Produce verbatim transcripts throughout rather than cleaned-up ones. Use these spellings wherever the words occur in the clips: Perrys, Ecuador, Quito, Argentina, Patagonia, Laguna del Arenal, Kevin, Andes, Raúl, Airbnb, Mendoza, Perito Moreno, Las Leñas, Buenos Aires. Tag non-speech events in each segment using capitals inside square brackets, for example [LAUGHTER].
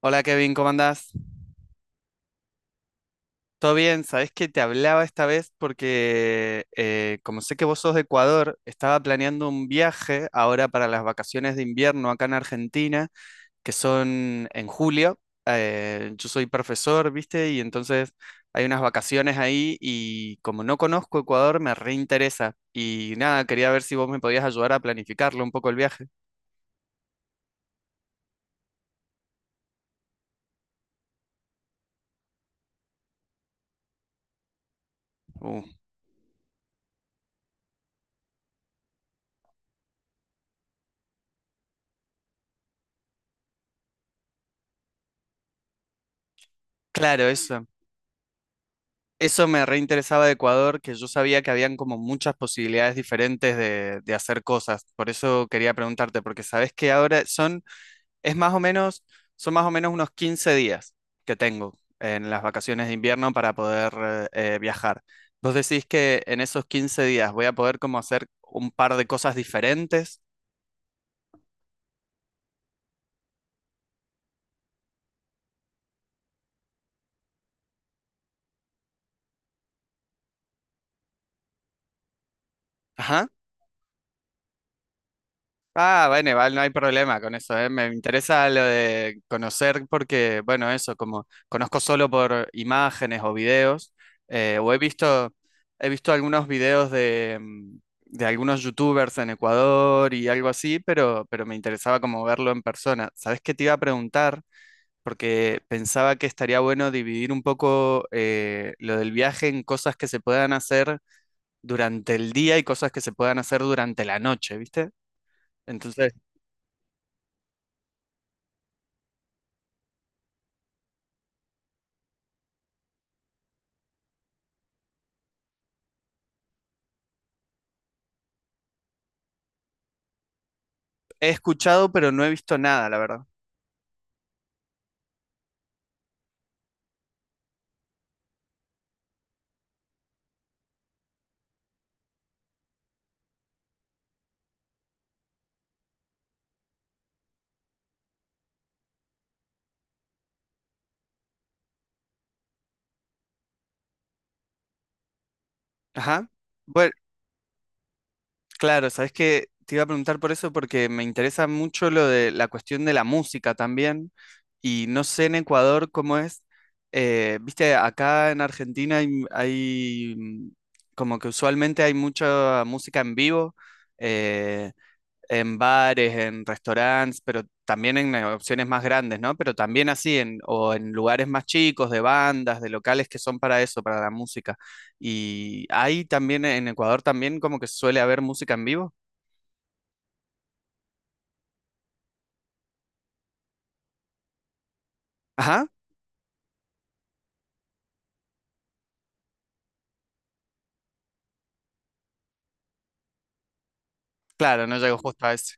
Hola Kevin, ¿cómo andás? ¿Todo bien? Sabés que te hablaba esta vez porque eh, como sé que vos sos de Ecuador, estaba planeando un viaje ahora para las vacaciones de invierno acá en Argentina, que son en julio. Eh, yo soy profesor, ¿viste? Y entonces hay unas vacaciones ahí y como no conozco Ecuador, me reinteresa. Y nada, quería ver si vos me podías ayudar a planificarlo un poco el viaje. Uh, claro, eso. Eso me reinteresaba de Ecuador, que yo sabía que habían como muchas posibilidades diferentes de, de hacer cosas. Por eso quería preguntarte, porque sabes que ahora son, es más o menos, son más o menos unos quince días que tengo en las vacaciones de invierno para poder eh, eh, viajar. ¿Vos decís que en esos quince días voy a poder como hacer un par de cosas diferentes? Ajá. Ah, bueno, igual no hay problema con eso, ¿eh? Me interesa lo de conocer porque, bueno, eso, como conozco solo por imágenes o videos, eh, o he visto, he visto algunos videos de, mm, de algunos youtubers en Ecuador y algo así, pero, pero me interesaba como verlo en persona. ¿Sabes qué te iba a preguntar? Porque pensaba que estaría bueno dividir un poco eh, lo del viaje en cosas que se puedan hacer durante el día y cosas que se puedan hacer durante la noche, ¿viste? Entonces. He escuchado, pero no he visto nada, la verdad. Ajá. Bueno, claro, sabes que te iba a preguntar por eso porque me interesa mucho lo de la cuestión de la música también. Y no sé en Ecuador cómo es. eh, viste, acá en Argentina hay, hay, mm, como que usualmente hay mucha música en vivo. eh, en bares, en restaurantes, pero también en eh, opciones más grandes, ¿no? Pero también así, en, o en lugares más chicos, de bandas, de locales que son para eso, para la música. Y ahí también, en Ecuador también como que suele haber música en vivo. Ajá, claro, no llego justo a ese.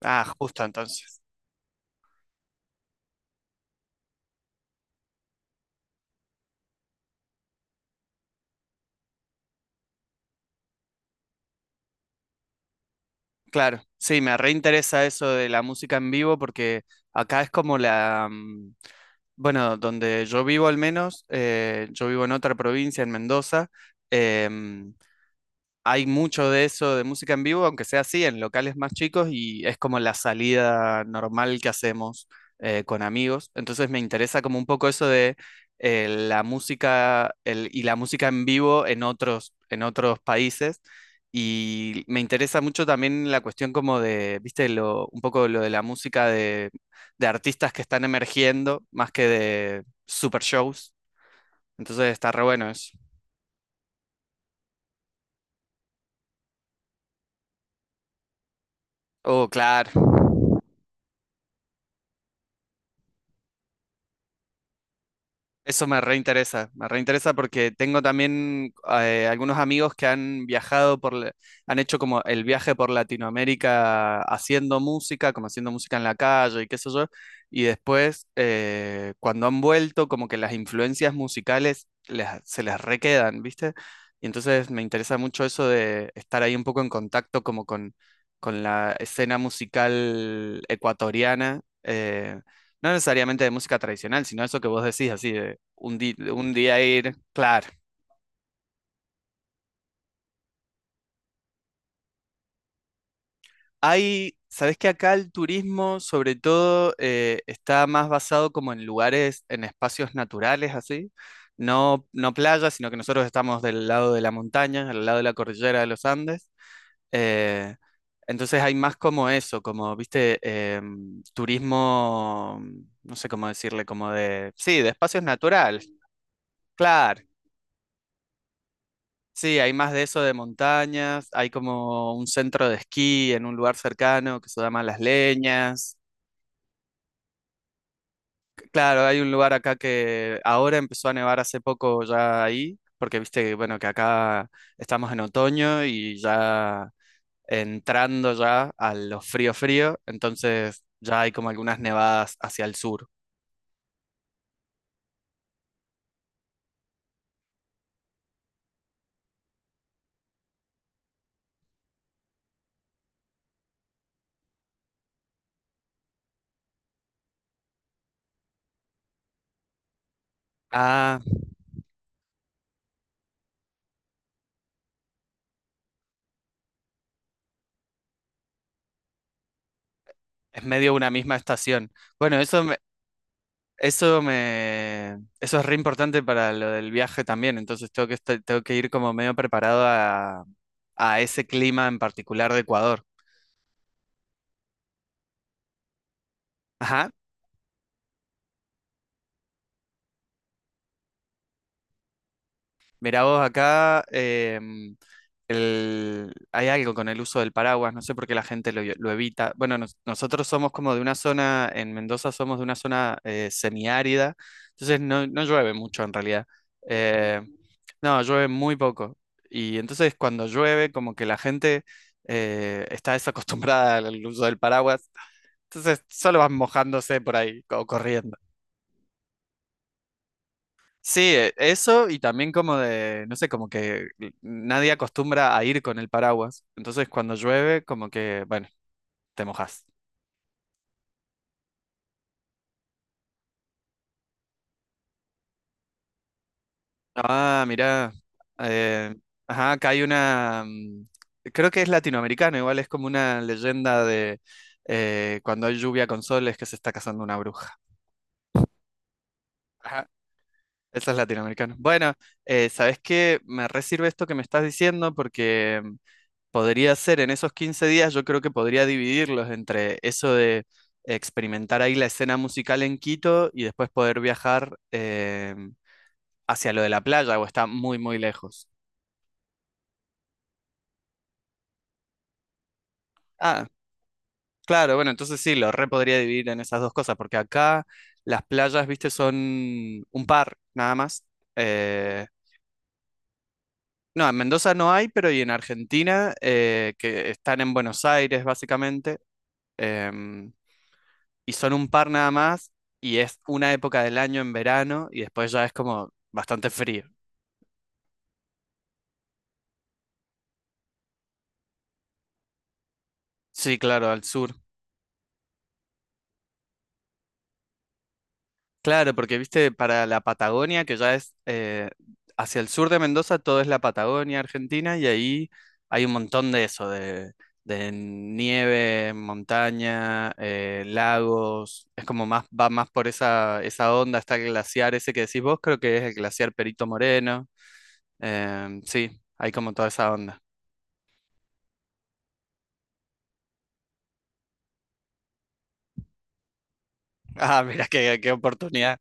Ah, justo entonces. Claro, sí, me reinteresa eso de la música en vivo porque acá es como la. mm, Bueno, donde yo vivo al menos, eh, yo vivo en otra provincia, en Mendoza. em, Hay mucho de eso de música en vivo, aunque sea así, en locales más chicos, y es como la salida normal que hacemos eh, con amigos. Entonces me interesa como un poco eso de eh, la música el- y la música en vivo en otros, en otros, países. Y me interesa mucho también la cuestión como de, viste, lo, un poco lo de la música de, de artistas que están emergiendo, más que de super shows. Entonces está re bueno eso. Oh, claro. Eso me reinteresa, me reinteresa porque tengo también eh, algunos amigos que han viajado por, la- han hecho como el viaje por Latinoamérica haciendo música, como haciendo música en la calle y qué sé yo, y después eh, cuando han vuelto como que las influencias musicales les- se les requedan, ¿viste? Y entonces me interesa mucho eso de estar ahí un poco en contacto como con, con la escena musical ecuatoriana. Eh, no necesariamente de música tradicional, sino eso que vos decís, así, un, di- un día ir, claro. Hay, sabes que acá el turismo, sobre todo, eh, está más basado como en lugares, en espacios naturales, así. No, no playas, sino que nosotros estamos del lado de la montaña, al lado de la cordillera de los Andes. Eh, entonces hay más como eso, como, viste, em, turismo, no sé cómo decirle, como de, sí, de espacios naturales. Claro, sí, hay más de eso de montañas, hay como un centro de esquí en un lugar cercano que se llama Las Leñas. C- Claro, hay un lugar acá que ahora empezó a nevar hace poco ya ahí, porque viste que bueno que acá estamos en otoño y ya entrando ya a lo frío frío, entonces ya hay como algunas nevadas hacia el sur. Ah, es medio una misma estación. Bueno, eso Eso me, eso es re importante para lo del viaje también, entonces tengo que, estar- tengo que ir como medio preparado a, a ese clima en particular de Ecuador. Ajá, mirá vos acá, em, el- hay algo con el uso del paraguas, no sé por qué la gente lo, lo evita. Bueno, nos- nosotros somos como de una zona, en Mendoza somos de una zona eh, semiárida, entonces no, no llueve mucho en realidad. Eh, no, llueve muy poco. Y entonces cuando llueve, como que la gente eh, está desacostumbrada al uso del paraguas, entonces solo van mojándose por ahí o corriendo. Sí, e- eso y también como de, no sé, como que nadie acostumbra a ir con el paraguas. Entonces cuando llueve, como que, bueno, te mojas. Ah, mirá. eh, ajá, acá hay una, mm, creo que es latinoamericano, igual es como una leyenda de eh, cuando hay lluvia con sol es que se está casando una bruja. Ajá, eso es latinoamericano. Bueno, eh, ¿sabés qué? Me re sirve esto que me estás diciendo porque podría ser en esos quince días, yo creo que podría dividirlos entre eso de experimentar ahí la escena musical en Quito y después poder viajar eh, hacia lo de la playa o está muy, muy lejos. Ah, claro, bueno, entonces sí, lo re podría dividir en esas dos cosas, porque acá las playas, viste, son un par nada más. Eh, no, en Mendoza no hay, pero y en Argentina, eh, que están en Buenos Aires, básicamente. em, y son un par nada más, y es una época del año en verano, y después ya es como bastante frío. Sí, claro, al sur. Claro, porque viste, para la Patagonia, que ya es eh, hacia el sur de Mendoza, todo es la Patagonia Argentina, y ahí hay un montón de eso, de, de nieve, montaña, eh, lagos, es como más, va más por esa, esa onda, está el glaciar ese que decís vos, creo que es el glaciar Perito Moreno. Em, sí, hay como toda esa onda. Ah, mira, qué, qué oportunidad.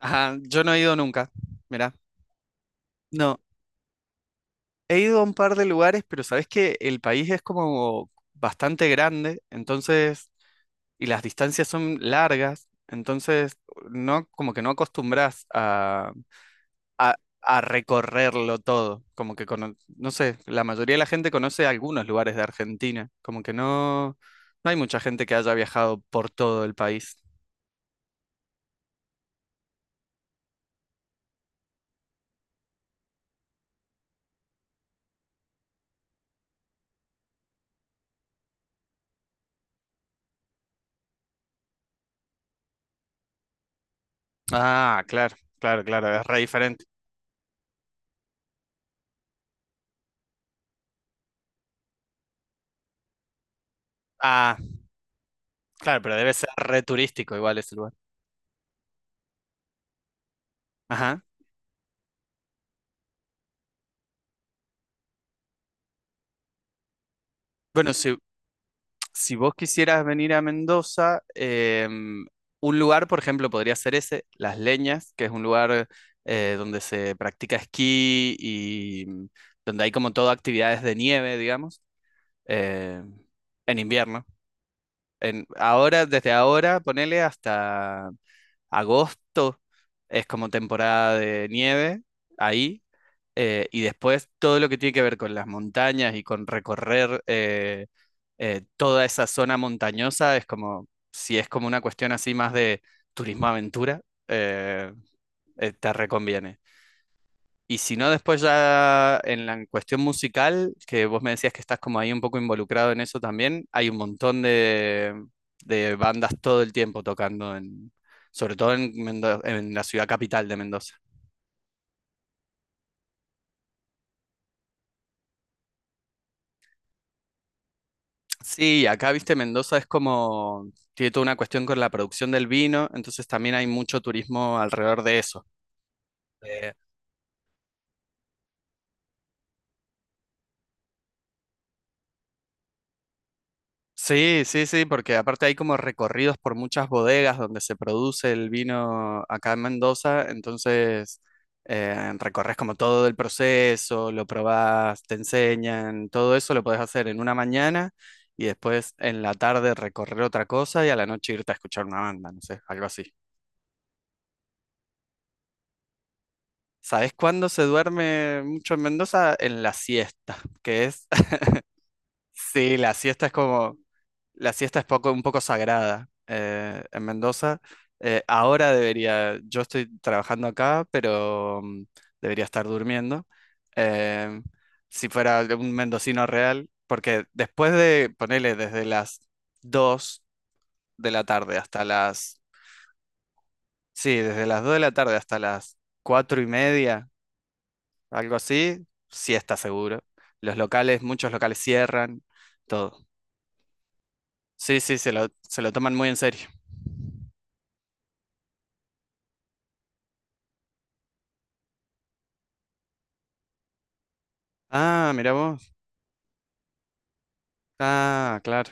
Ajá, yo no he ido nunca, mira. No, he ido a un par de lugares, pero sabes que el país es como bastante grande, entonces, y las distancias son largas, entonces, no, como que no acostumbras a, a, a, recorrerlo todo, como que, cono- no sé, la mayoría de la gente conoce algunos lugares de Argentina, como que no, no hay mucha gente que haya viajado por todo el país. Ah, claro, claro, claro, es re diferente. Claro, pero debe ser re turístico igual ese lugar. Ajá. Bueno, si, si vos quisieras venir a Mendoza, em, un lugar, por ejemplo, podría ser ese, Las Leñas, que es un lugar eh, donde se practica esquí y mm, donde hay como todo actividades de nieve, digamos, eh, en invierno. En, ahora, desde ahora, ponele hasta agosto, es como temporada de nieve ahí. Eh, y después todo lo que tiene que ver con las montañas y con recorrer eh, eh, toda esa zona montañosa es como, si es como una cuestión así más de turismo aventura, eh, eh, te reconviene. Y si no, después ya en la cuestión musical, que vos me decías que estás como ahí un poco involucrado en eso también, hay un montón de, de bandas todo el tiempo tocando en, sobre todo en Mendo- en la ciudad capital de Mendoza. Sí, acá, viste, Mendoza es como, tiene toda una cuestión con la producción del vino, entonces también hay mucho turismo alrededor de eso. Eh, sí, sí, sí, porque aparte hay como recorridos por muchas bodegas donde se produce el vino acá en Mendoza, entonces eh, recorres como todo el proceso, lo probás, te enseñan, todo eso lo podés hacer en una mañana y después en la tarde recorrer otra cosa y a la noche irte a escuchar una banda, no sé, algo así. ¿Sabes cuándo se duerme mucho en Mendoza? En la siesta, que es, [LAUGHS] sí, la siesta es como, la siesta es poco, un poco sagrada eh, en Mendoza. Eh, ahora debería, yo estoy trabajando acá, pero mm, debería estar durmiendo. Eh, si fuera un mendocino real, porque después de, ponele, desde las dos de la tarde hasta las, sí, desde las dos de la tarde hasta las cuatro y media algo así, sí está seguro. Los locales, muchos locales cierran, todo. Sí, sí, se lo, se lo toman muy en serio. Ah, mira vos. Ah, claro.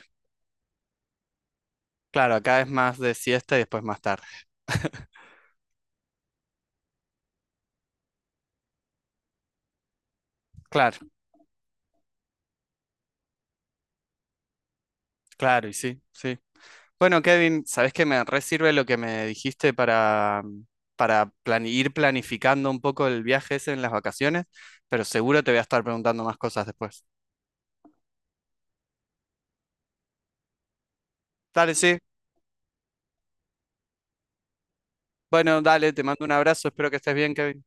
Claro, acá es más de siesta y después más tarde. [LAUGHS] Claro, claro, y sí, sí. Bueno, Kevin, ¿sabés que me re sirve lo que me dijiste para, para plan- ir planificando un poco el viaje ese en las vacaciones? Pero seguro te voy a estar preguntando más cosas después. Dale, sí. Bueno, dale, te mando un abrazo, espero que estés bien, Kevin.